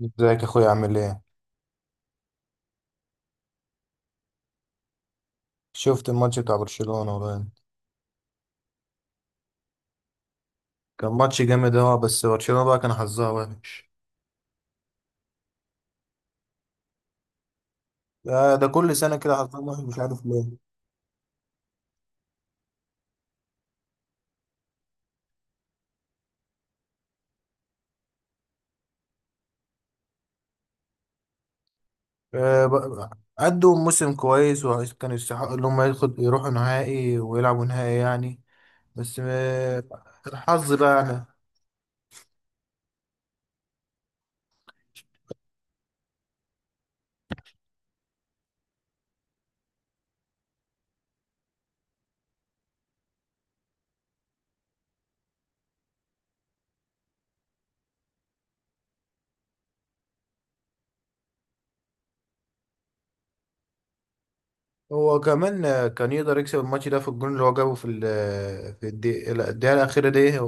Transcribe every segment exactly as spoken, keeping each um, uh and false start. ازيك يا اخويا عامل ايه؟ شفت الماتش بتاع برشلونة والله. كان ماتش جامد، اه بس برشلونة بقى كان حظها وحش. ده, ده كل سنة كده حظها وحش، مش عارف ليه. آه، بقى- أدوا موسم كويس وكانوا يستحقوا إن هم ياخد يروحوا نهائي ويلعبوا نهائي يعني. بس آه، الحظ بقى يعني. هو كمان آه، كان يقدر يكسب الماتش ده في الجون اللي هو جابه في ال في الدقيقة، لا، الدقيقة الأخيرة دي.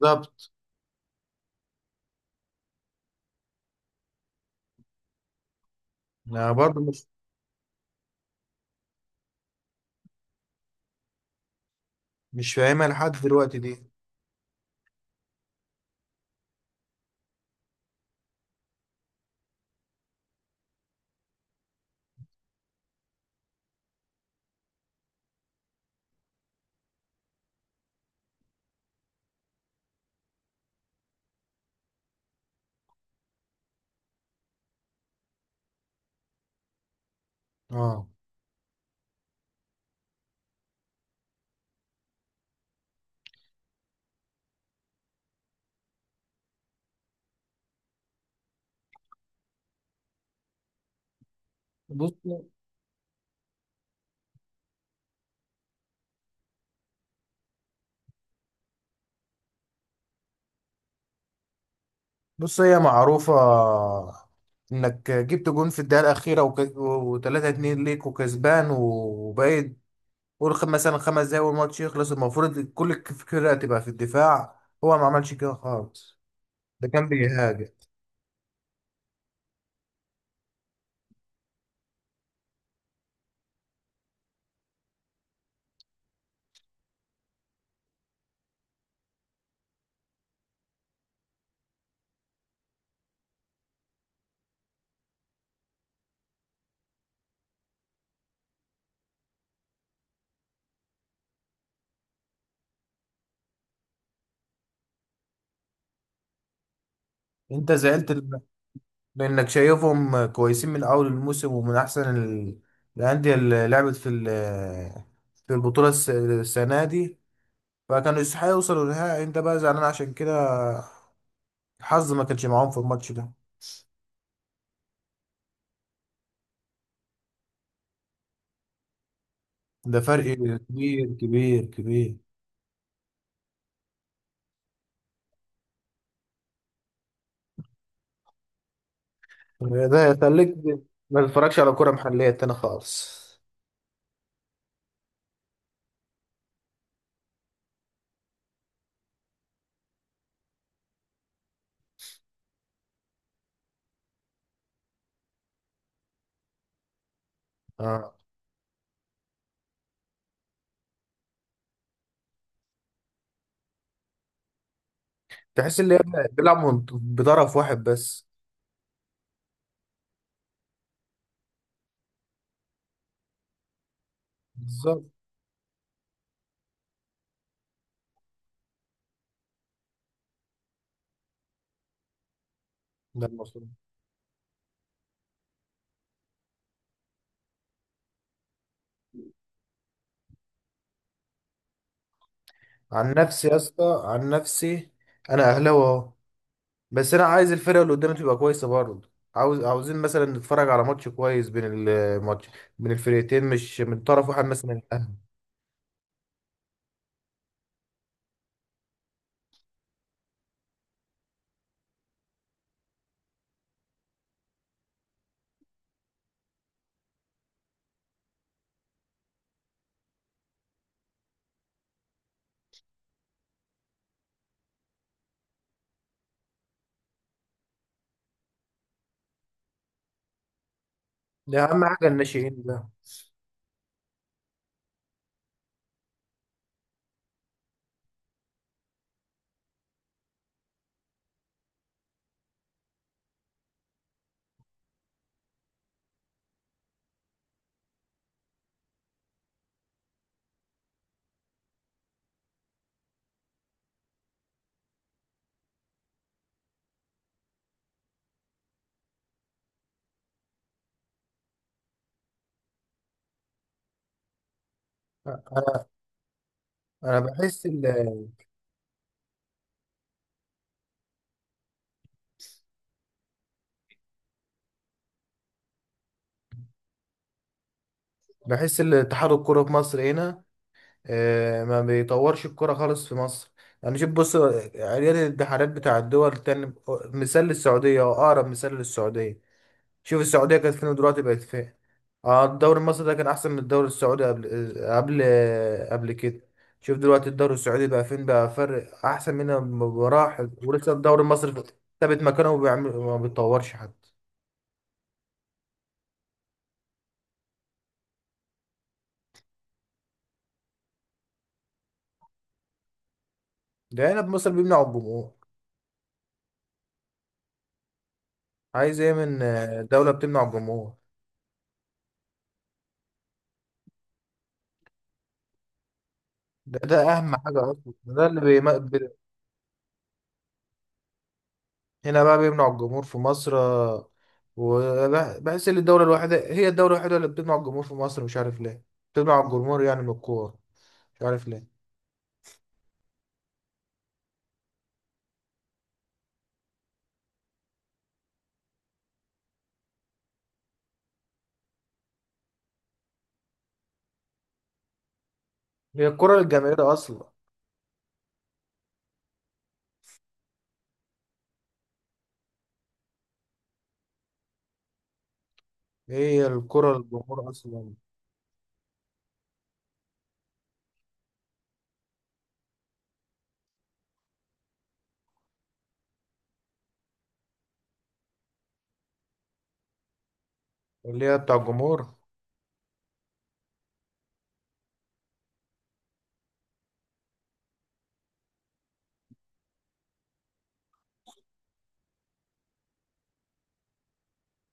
بالظبط. أنا برضه مش مش فاهمها لحد دلوقتي دي. اه. بص، بص هي معروفة، انك جبت جون في الدقيقة الأخيرة وك- وتلاتة اتنين ليك وكسبان وباقي، قول خ- مثلا خمس دقايق والماتش يخلص، المفروض كل الفكرة تبقى في الدفاع، هو ما عملش كده خالص. ده كان بيهاجم. انت زعلت ل- لأنك شايفهم كويسين من أول الموسم ومن أحسن ال- الأندية اللي لعبت في ال- في البطولة الس- السنة دي، فكانوا يستحقوا يوصلوا للنهائي. انت بقى زعلان عشان كده الحظ ما كانش معاهم في الماتش ده. ده فرق كبير كبير كبير. ده يخليك ما تتفرجش على كرة محلية تاني خالص. اه. تحس ان هي بيلعب من- بطرف واحد بس. بالظبط، ده المفروض. عن نفسي يا اسطى، عن نفسي انا اهلاوي اهو، بس انا عايز الفرقه اللي قدامي تبقى كويسه برضه، عاوز عاوزين مثلا نتفرج على ماتش كويس بين الماتش بين الفرقتين، مش من طرف واحد مثلا الاهلي. ده اهم حاجه الناشئين ده. انا انا بحس ال... بحس ان اتحاد الكوره في مصر هنا آه، ما بيطورش الكرة خالص في مصر. يعني شوف، بص، عيال الانتحارات بتاع الدول التانية، مثال للسعودية أو أقرب مثال للسعودية، شوف السعودية كانت فين ودلوقتي بقت فين. اه، الدوري المصري ده كان أحسن من الدوري السعودي قبل قبل قبل كده. شوف دلوقتي الدوري السعودي بقى فين، بقى فرق أحسن منه بمراحل، ولسه الدوري المصري ثابت مكانه وبيعمل ما بيتطورش حتى. ده هنا في مصر بيمنع الجمهور. عايز ايه من آه، دولة بتمنع الجمهور. ده ده أهم حاجة أصلا، ده اللي هنا بقى بيمنع الجمهور في مصر آه، وبحس ان الدولة الوحيدة هي الدولة الوحيدة اللي بتمنع الجمهور في مصر، مش عارف ليه بتمنع الجمهور يعني من الكورة، مش عارف ليه. هي الكرة للجماهير أصلا. هي الكرة للجمهور أصلا. اللي هي بتاع الجمهور.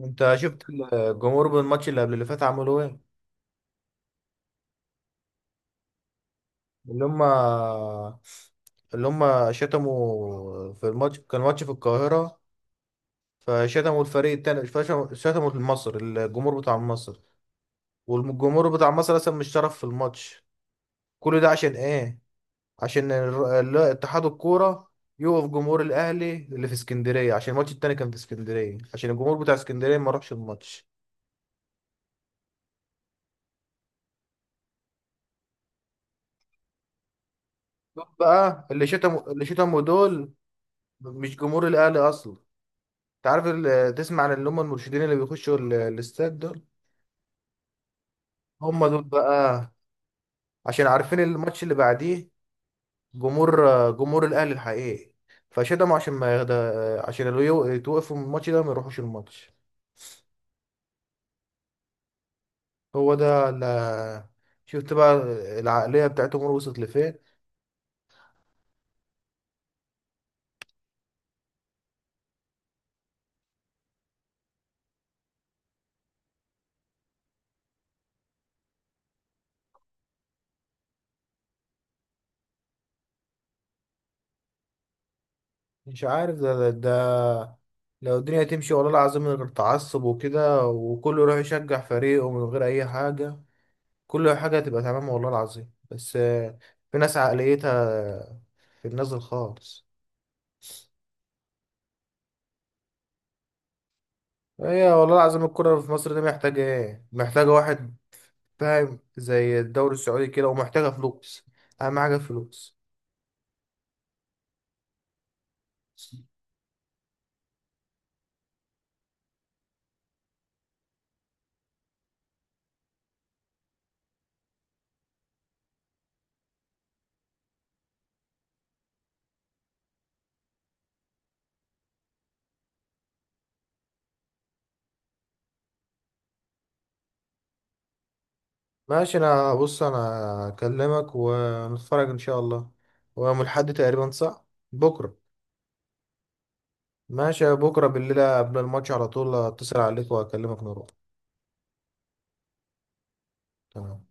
أنت شفت الجمهور بالماتش اللي قبل اللي فات عملوا إيه؟ اللي هما، اللي هما شتموا في الماتش، كان ماتش في القاهرة، فشتموا الفريق التاني، فشتموا شتموا المصر، الجمهور بتاع مصر، والجمهور بتاع مصر اصلا مش شرف في الماتش. كل ده عشان ايه؟ عشان الر- ال- اتحاد الكوره يوقف جمهور الاهلي اللي في اسكندريه، عشان الماتش التاني كان في اسكندريه، عشان الجمهور بتاع اسكندريه ما راحش الماتش. دول بقى اللي شتموا، اللي شتموا دول مش جمهور الاهلي اصلا. انت عارف ال- تسمع عن اللي هم المرشدين اللي بيخشوا ال- الاستاد دول؟ هم دول بقى، عشان عارفين الماتش اللي بعديه جمهور، جمهور الاهلي الحقيقي، فشتموا عشان ما يغدا، عشان اللي يو- يتوقفوا من الماتش ده ما يروحوش الماتش. هو ده، أنا شفت بقى العقلية بتاعتهم وصلت لفين. مش عارف، ده, ده, ده لو الدنيا تمشي والله العظيم من غير تعصب وكده، وكله يروح يشجع فريقه من غير أي حاجة، كل حاجة هتبقى تمام والله العظيم. بس آه، في ناس عقليتها في النازل خالص. هي والله العظيم الكرة في مصر دي محتاجة ايه؟ محتاجة واحد فاهم زي الدوري السعودي كده، ومحتاجة فلوس، أهم حاجة فلوس. ماشي. انا بص انا اكلمك ونتفرج ان شاء الله، ويوم الاحد تقريبا، صح؟ بكره. ماشي، بكره بالليل قبل الماتش على طول اتصل عليك واكلمك نروح. تمام.